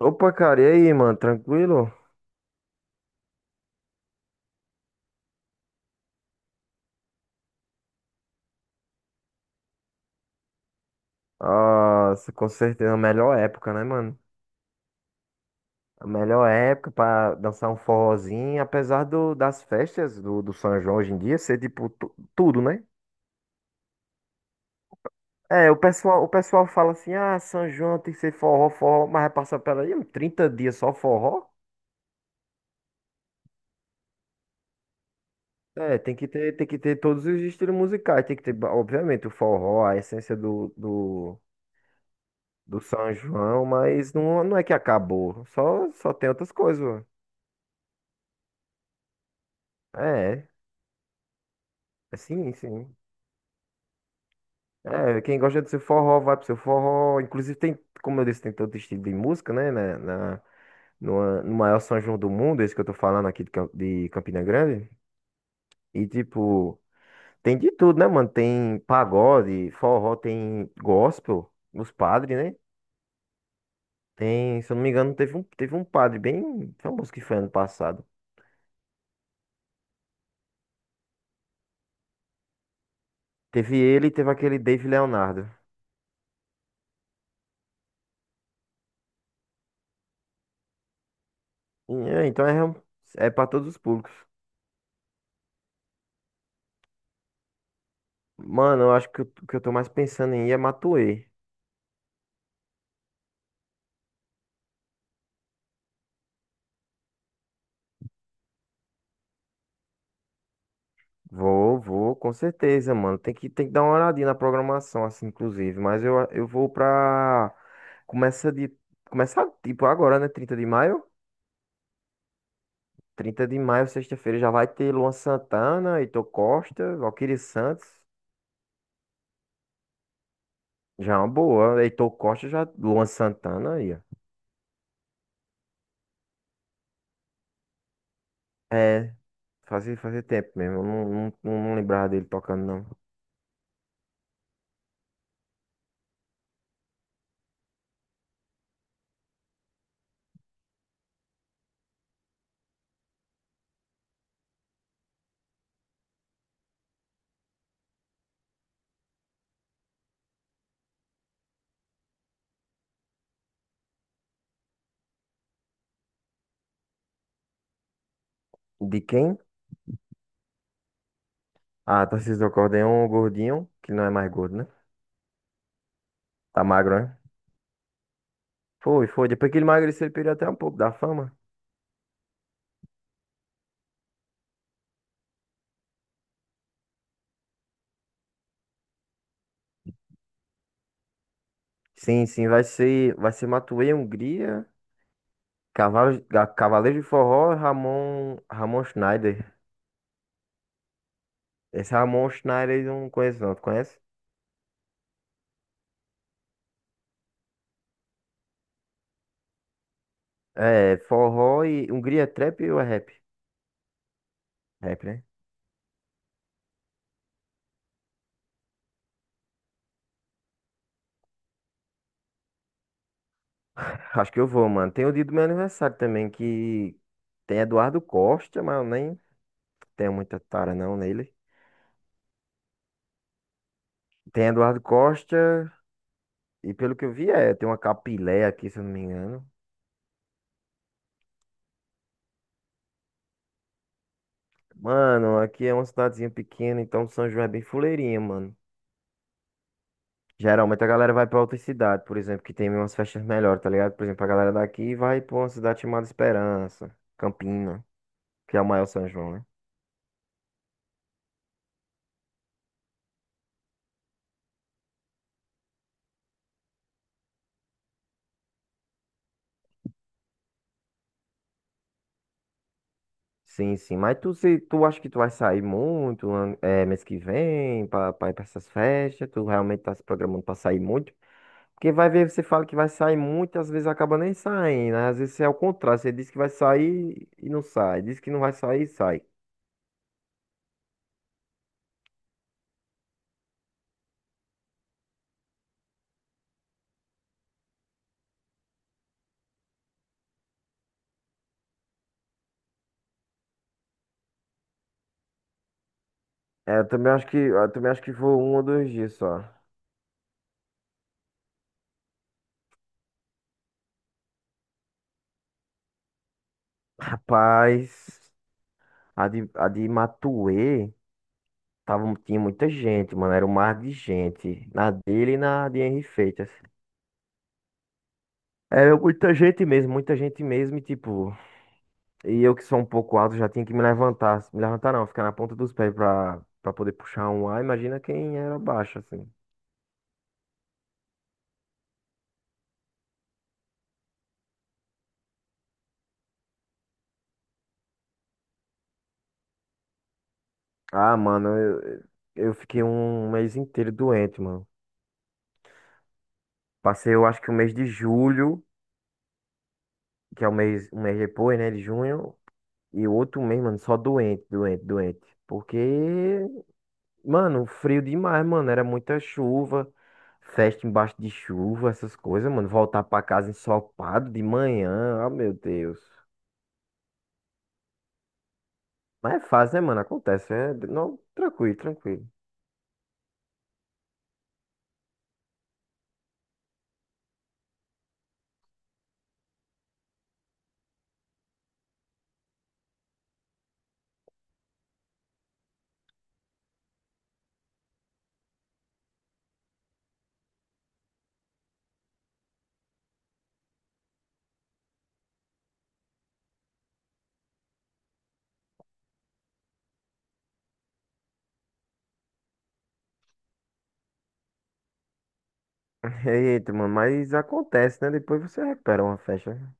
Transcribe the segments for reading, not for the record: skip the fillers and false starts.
Opa, cara, e aí, mano? Tranquilo? Nossa, com certeza, a melhor época, né, mano? A melhor época pra dançar um forrozinho, apesar das festas do São João hoje em dia ser, tipo, tudo, né? É, o pessoal fala assim, ah, São João tem que ser forró, forró, mas vai passar pela aí, 30 dias só forró? É, tem que ter todos os estilos musicais, tem que ter, obviamente, o forró, a essência do São João, mas não é que acabou, só tem outras coisas, mano. É, é, sim, sim. É, quem gosta do seu forró, vai pro seu forró. Inclusive tem, como eu disse, tem todo estilo de música, né? No maior São João do mundo, esse que eu tô falando aqui de, de Campina Grande. E tipo, tem de tudo, né, mano? Tem pagode, forró, tem gospel, os padres, né? Tem, se eu não me engano, teve um padre bem famoso que foi ano passado. Teve ele e teve aquele Dave Leonardo. E, é, então é para todos os públicos. Mano, eu acho que o que eu tô mais pensando em ir é Matuê. Vou, com certeza, mano. Tem que dar uma olhadinha na programação, assim, inclusive. Mas eu vou pra. Começa de. Começar, tipo, agora, né? 30 de maio. 30 de maio, sexta-feira, já vai ter Luan Santana, Heitor Costa, Valquíria Santos. Já é uma boa. Heitor Costa, já. Luan Santana aí, ó. É, fazia tempo mesmo. Eu não lembrava dele tocando, não. De quem? Ah, Tarcísio do Acordeon, o gordinho, que não é mais gordo, né? Tá magro, né? Foi, foi. Depois que ele emagreceu, ele perdeu até um pouco da fama. Sim, sim, vai ser Matuê Hungria, Cavaleiro de Forró, Ramon Schneider. Esse Ramon Schneider eu não conheço não, tu conhece? É, forró e Hungria é trap ou é rap? Rap, né? Acho que eu vou, mano. Tem o dia do meu aniversário também, que tem Eduardo Costa, mas eu nem tenho muita tara não nele. Tem Eduardo Costa, e pelo que eu vi, é, tem uma capilé aqui, se eu não me engano. Mano, aqui é uma cidadezinha pequena, então São João é bem fuleirinha, mano. Geralmente a galera vai pra outra cidade, por exemplo, que tem umas festas melhores, tá ligado? Por exemplo, a galera daqui vai pra uma cidade chamada Esperança, Campina, que é o maior São João, né? Sim, sim. Mas tu, se, tu acha que tu vai sair muito, é, mês que vem, pra ir pra essas festas? Tu realmente tá se programando pra sair muito? Porque vai ver, você fala que vai sair muito, às vezes acaba nem saindo, né? Às vezes é o contrário, você diz que vai sair e não sai, diz que não vai sair e sai. É, eu também acho que foi um ou dois dias só. Rapaz, a de Matuê tava, tinha muita gente, mano. Era um mar de gente. Na dele e na de Henri Feitas. Era muita gente mesmo, muita gente mesmo. E tipo, e eu que sou um pouco alto já tinha que me levantar. Me levantar não, ficar na ponta dos pés pra poder puxar um ar. Imagina quem era baixo, assim. Ah, eu fiquei um mês inteiro doente, mano. Passei, eu acho que o mês de julho, que é um mês depois, né, de junho. E o outro mês, mano, só doente, doente, doente. Porque, mano, frio demais, mano. Era muita chuva, festa embaixo de chuva, essas coisas, mano. Voltar pra casa ensopado de manhã, ah, meu Deus. Mas é fácil, né, mano? Acontece, é. Não, tranquilo, tranquilo. Eita, mano, mas acontece, né? Depois você recupera uma festa, né?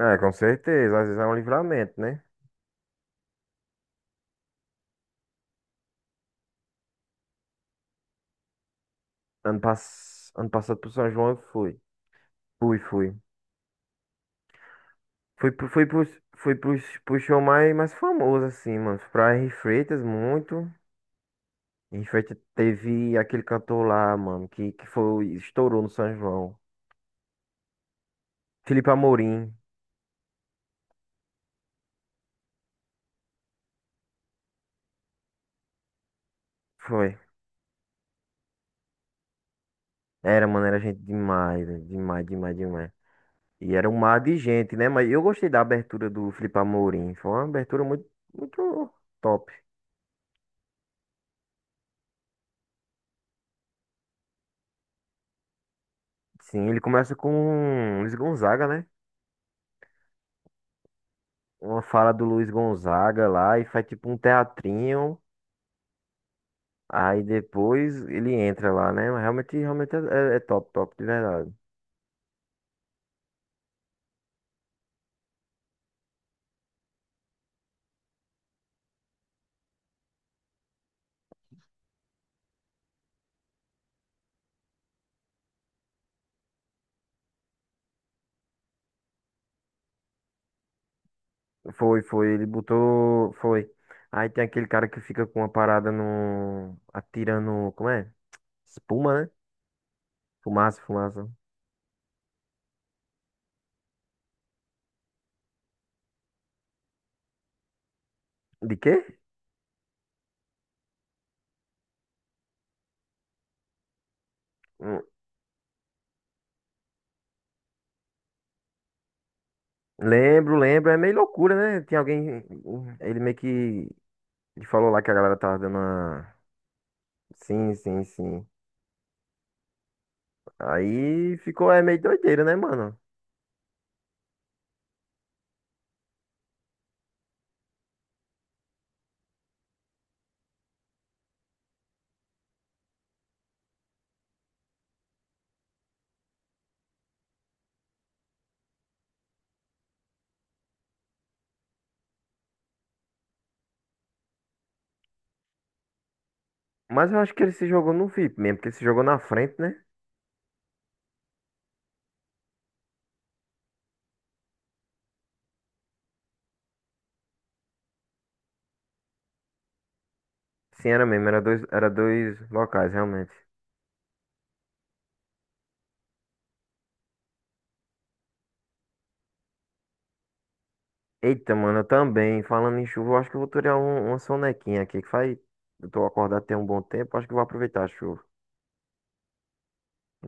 É, com certeza. Às vezes é um livramento, né? Ano passado pro São João eu fui. Fui, fui. Foi, pro- foi, pro, foi pro, Pro show mais famoso, assim, mano. Pra Henri Freitas, muito. Henri Freitas teve aquele cantor lá, mano, que foi, estourou no São João. Felipe Amorim, foi. Era, mano, era gente demais, velho, demais, demais, demais. E era um mar de gente, né? Mas eu gostei da abertura do Felipe Amorim. Foi uma abertura muito top. Sim, ele começa com Luiz Gonzaga, né? Uma fala do Luiz Gonzaga lá e faz tipo um teatrinho. Aí depois ele entra lá, né? Mas realmente é é top, top, de verdade. Foi, foi, ele botou, foi. Aí tem aquele cara que fica com uma parada no, atirando, como é? Espuma, né? Fumaça, fumaça. De quê? Hum, Lembro, lembro, é meio loucura, né? Tem alguém, ele meio que, ele falou lá que a galera tava dando uma... Sim, sim, sim. Aí ficou, é meio doideira, né, mano? Mas eu acho que ele se jogou no VIP mesmo, porque ele se jogou na frente, né? Sim, era mesmo, era dois locais, realmente. Eita, mano, eu também, falando em chuva, eu acho que eu vou tirar um, uma sonequinha aqui, que faz. Eu tô acordado tem um bom tempo, acho que eu vou aproveitar a chuva.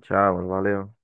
Tchau, mano, valeu.